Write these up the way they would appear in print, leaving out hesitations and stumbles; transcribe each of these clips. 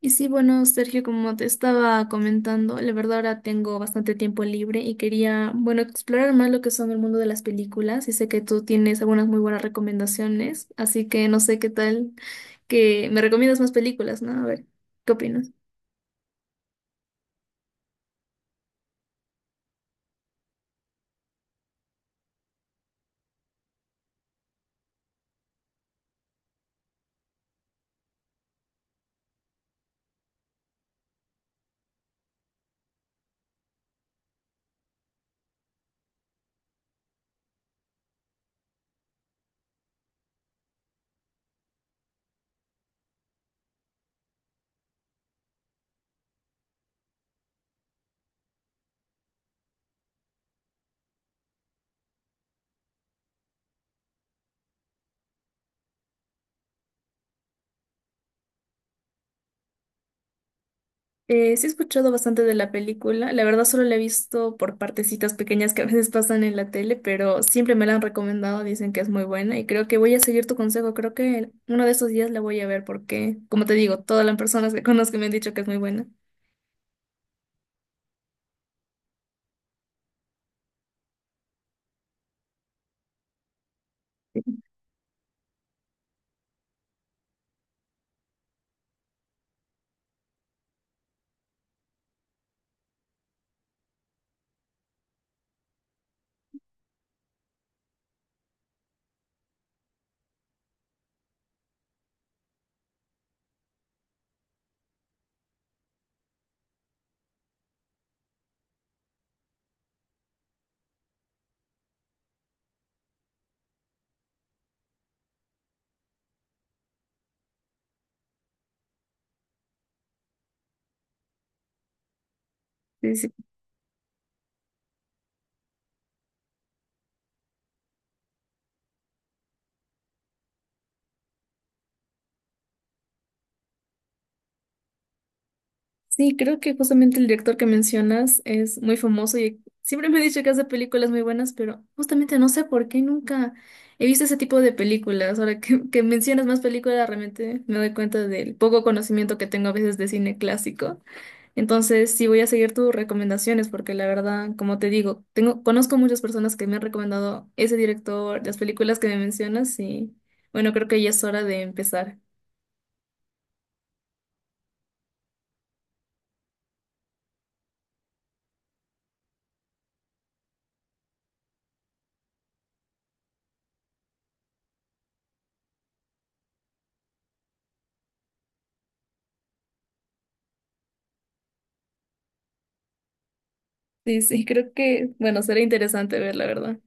Y sí, bueno, Sergio, como te estaba comentando, la verdad ahora tengo bastante tiempo libre y quería, bueno, explorar más lo que son el mundo de las películas y sé que tú tienes algunas muy buenas recomendaciones, así que no sé qué tal que me recomiendas más películas, ¿no? A ver, ¿qué opinas? Sí he escuchado bastante de la película, la verdad solo la he visto por partecitas pequeñas que a veces pasan en la tele, pero siempre me la han recomendado, dicen que es muy buena y creo que voy a seguir tu consejo, creo que uno de estos días la voy a ver porque, como te digo, todas las personas que conozco me han dicho que es muy buena. Sí, sí. Sí, creo que justamente el director que mencionas es muy famoso y siempre me ha dicho que hace películas muy buenas, pero justamente no sé por qué nunca he visto ese tipo de películas. Ahora que mencionas más películas, realmente me doy cuenta del poco conocimiento que tengo a veces de cine clásico. Entonces, sí voy a seguir tus recomendaciones porque la verdad, como te digo, tengo, conozco muchas personas que me han recomendado ese director, las películas que me mencionas y bueno, creo que ya es hora de empezar. Sí, sí, creo que, bueno, será interesante ver, la verdad.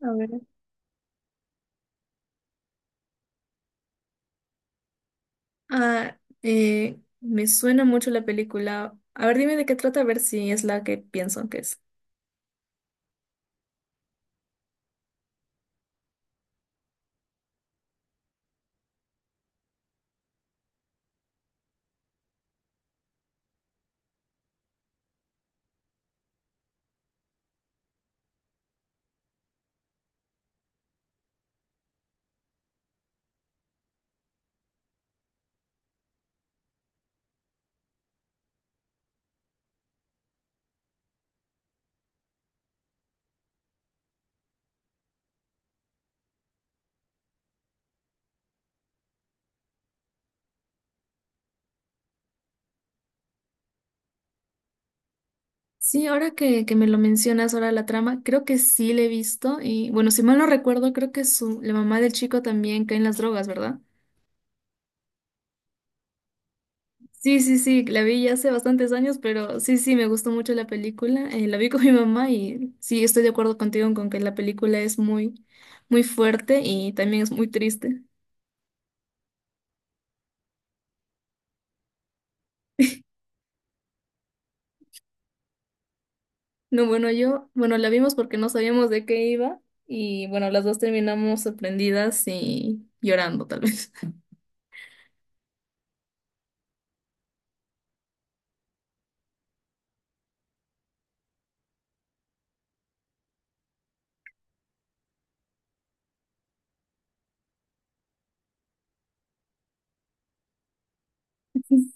A ver. Ah, me suena mucho la película. A ver, dime de qué trata, a ver si es la que pienso que es. Sí, ahora que me lo mencionas, ahora la trama, creo que sí la he visto. Y bueno, si mal no recuerdo, creo que su, la mamá del chico también cae en las drogas, ¿verdad? Sí, sí, sí, la vi ya hace bastantes años, pero sí, sí, me gustó mucho la película. La vi con mi mamá y sí, estoy de acuerdo contigo con que la película es muy, muy fuerte y también es muy triste. No, bueno, yo, bueno, la vimos porque no sabíamos de qué iba y bueno, las dos terminamos sorprendidas y llorando tal vez.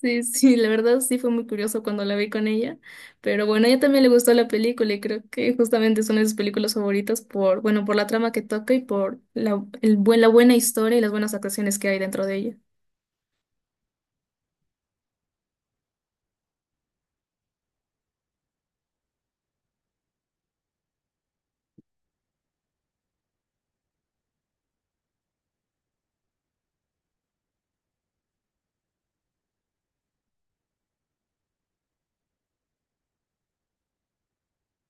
Sí, sí, la verdad sí fue muy curioso cuando la vi con ella, pero bueno, a ella también le gustó la película y creo que justamente es una de sus películas favoritas por, bueno, por la trama que toca y por la, el buen, la buena historia y las buenas actuaciones que hay dentro de ella.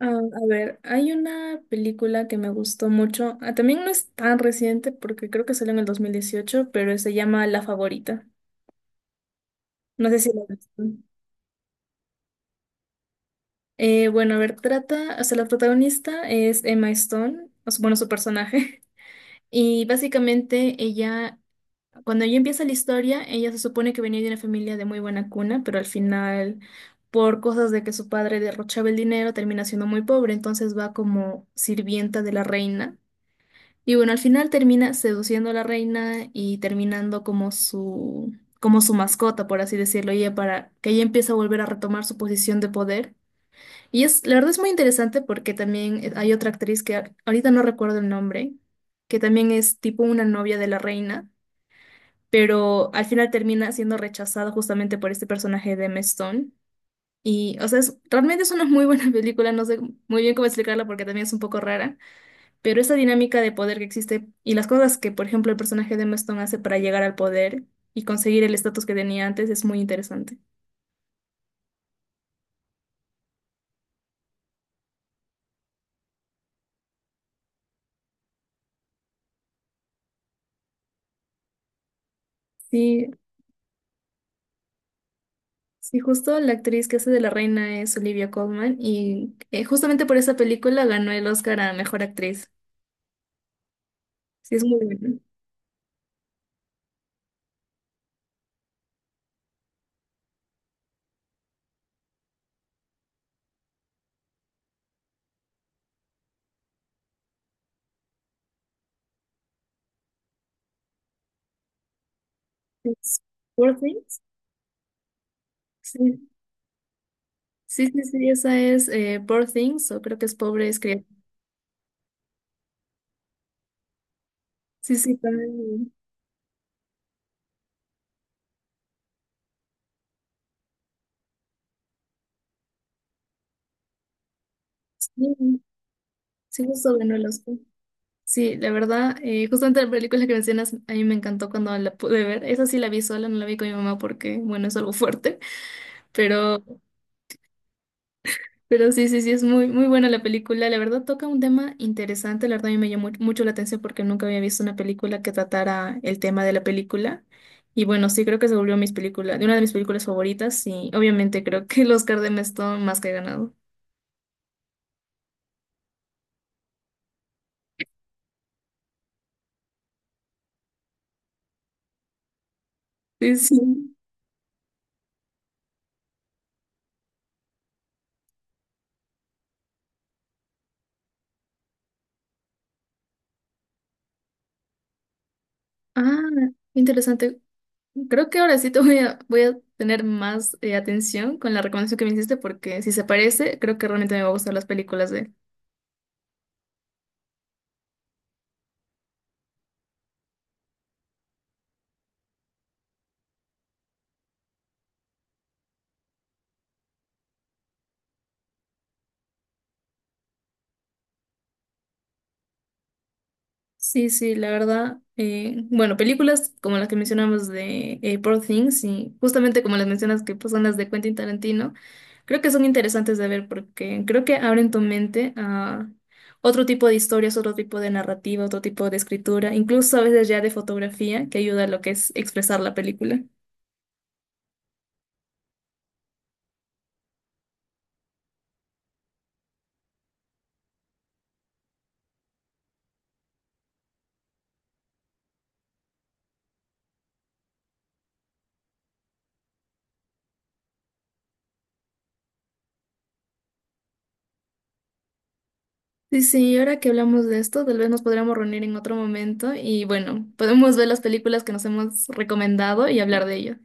Ah, a ver, hay una película que me gustó mucho, ah, también no es tan reciente porque creo que salió en el 2018, pero se llama La Favorita. No sé si la has visto. Bueno, a ver, trata, o sea, la protagonista es Emma Stone, o su- bueno, su personaje. Y básicamente ella, cuando ella empieza la historia, ella se supone que venía de una familia de muy buena cuna, pero al final, por cosas de que su padre derrochaba el dinero, termina siendo muy pobre, entonces va como sirvienta de la reina. Y bueno, al final termina seduciendo a la reina y terminando como su mascota, por así decirlo, y ella para que ella empieza a volver a retomar su posición de poder. Y es, la verdad es muy interesante porque también hay otra actriz que a- ahorita no recuerdo el nombre, que también es tipo una novia de la reina, pero al final termina siendo rechazada justamente por este personaje de Emma Stone. Y, o sea, es- realmente es una muy buena película, no sé muy bien cómo explicarla porque también es un poco rara, pero esa dinámica de poder que existe y las cosas que, por ejemplo, el personaje de Emma Stone hace para llegar al poder y conseguir el estatus que tenía antes es muy interesante. Sí. Sí, justo la actriz que hace de la reina es Olivia Colman y justamente por esa película ganó el Oscar a Mejor Actriz. Sí, es muy bueno. Es Poor Things. Sí, sí, esa es Poor Things o creo que es Pobre Escrita. Sí, sí, también. Sí, sí, justo ganó el Oscar. Sí, la verdad, justamente la película que mencionas a mí me encantó cuando la pude ver. Esa sí la vi sola, no la vi con mi mamá porque, bueno, es algo fuerte, pero... Pero sí, sí, sí, es muy, muy buena la película. La verdad toca un tema interesante. La verdad a mí me llamó mucho la atención porque nunca había visto una película que tratara el tema de la película. Y bueno, sí, creo que se volvió mis películas, de una de mis películas favoritas. Y obviamente creo que el Oscar de Mestón más que ganado. Sí, sí. Ah, interesante. Creo que ahora sí te voy a, voy a tener más atención con la recomendación que me hiciste porque si se parece, creo que realmente me va a gustar las películas de él. Sí, sí, la verdad. Bueno, películas como las que mencionamos de Poor Things y justamente como las mencionas que pues, son las de Quentin Tarantino, creo que son interesantes de ver porque creo que abren tu mente a otro tipo de historias, otro tipo de narrativa, otro tipo de escritura, incluso a veces ya de fotografía que ayuda a lo que es expresar la película. Sí, sí, y ahora que hablamos de esto, tal vez nos podríamos reunir en otro momento y bueno, podemos ver las películas que nos hemos recomendado y hablar de ello.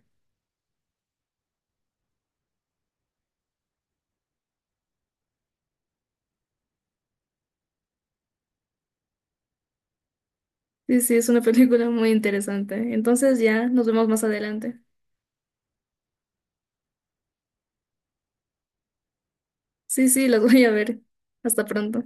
Sí, sí, es una película muy interesante. Entonces ya nos vemos más adelante. Sí, sí, las voy a ver. Hasta pronto.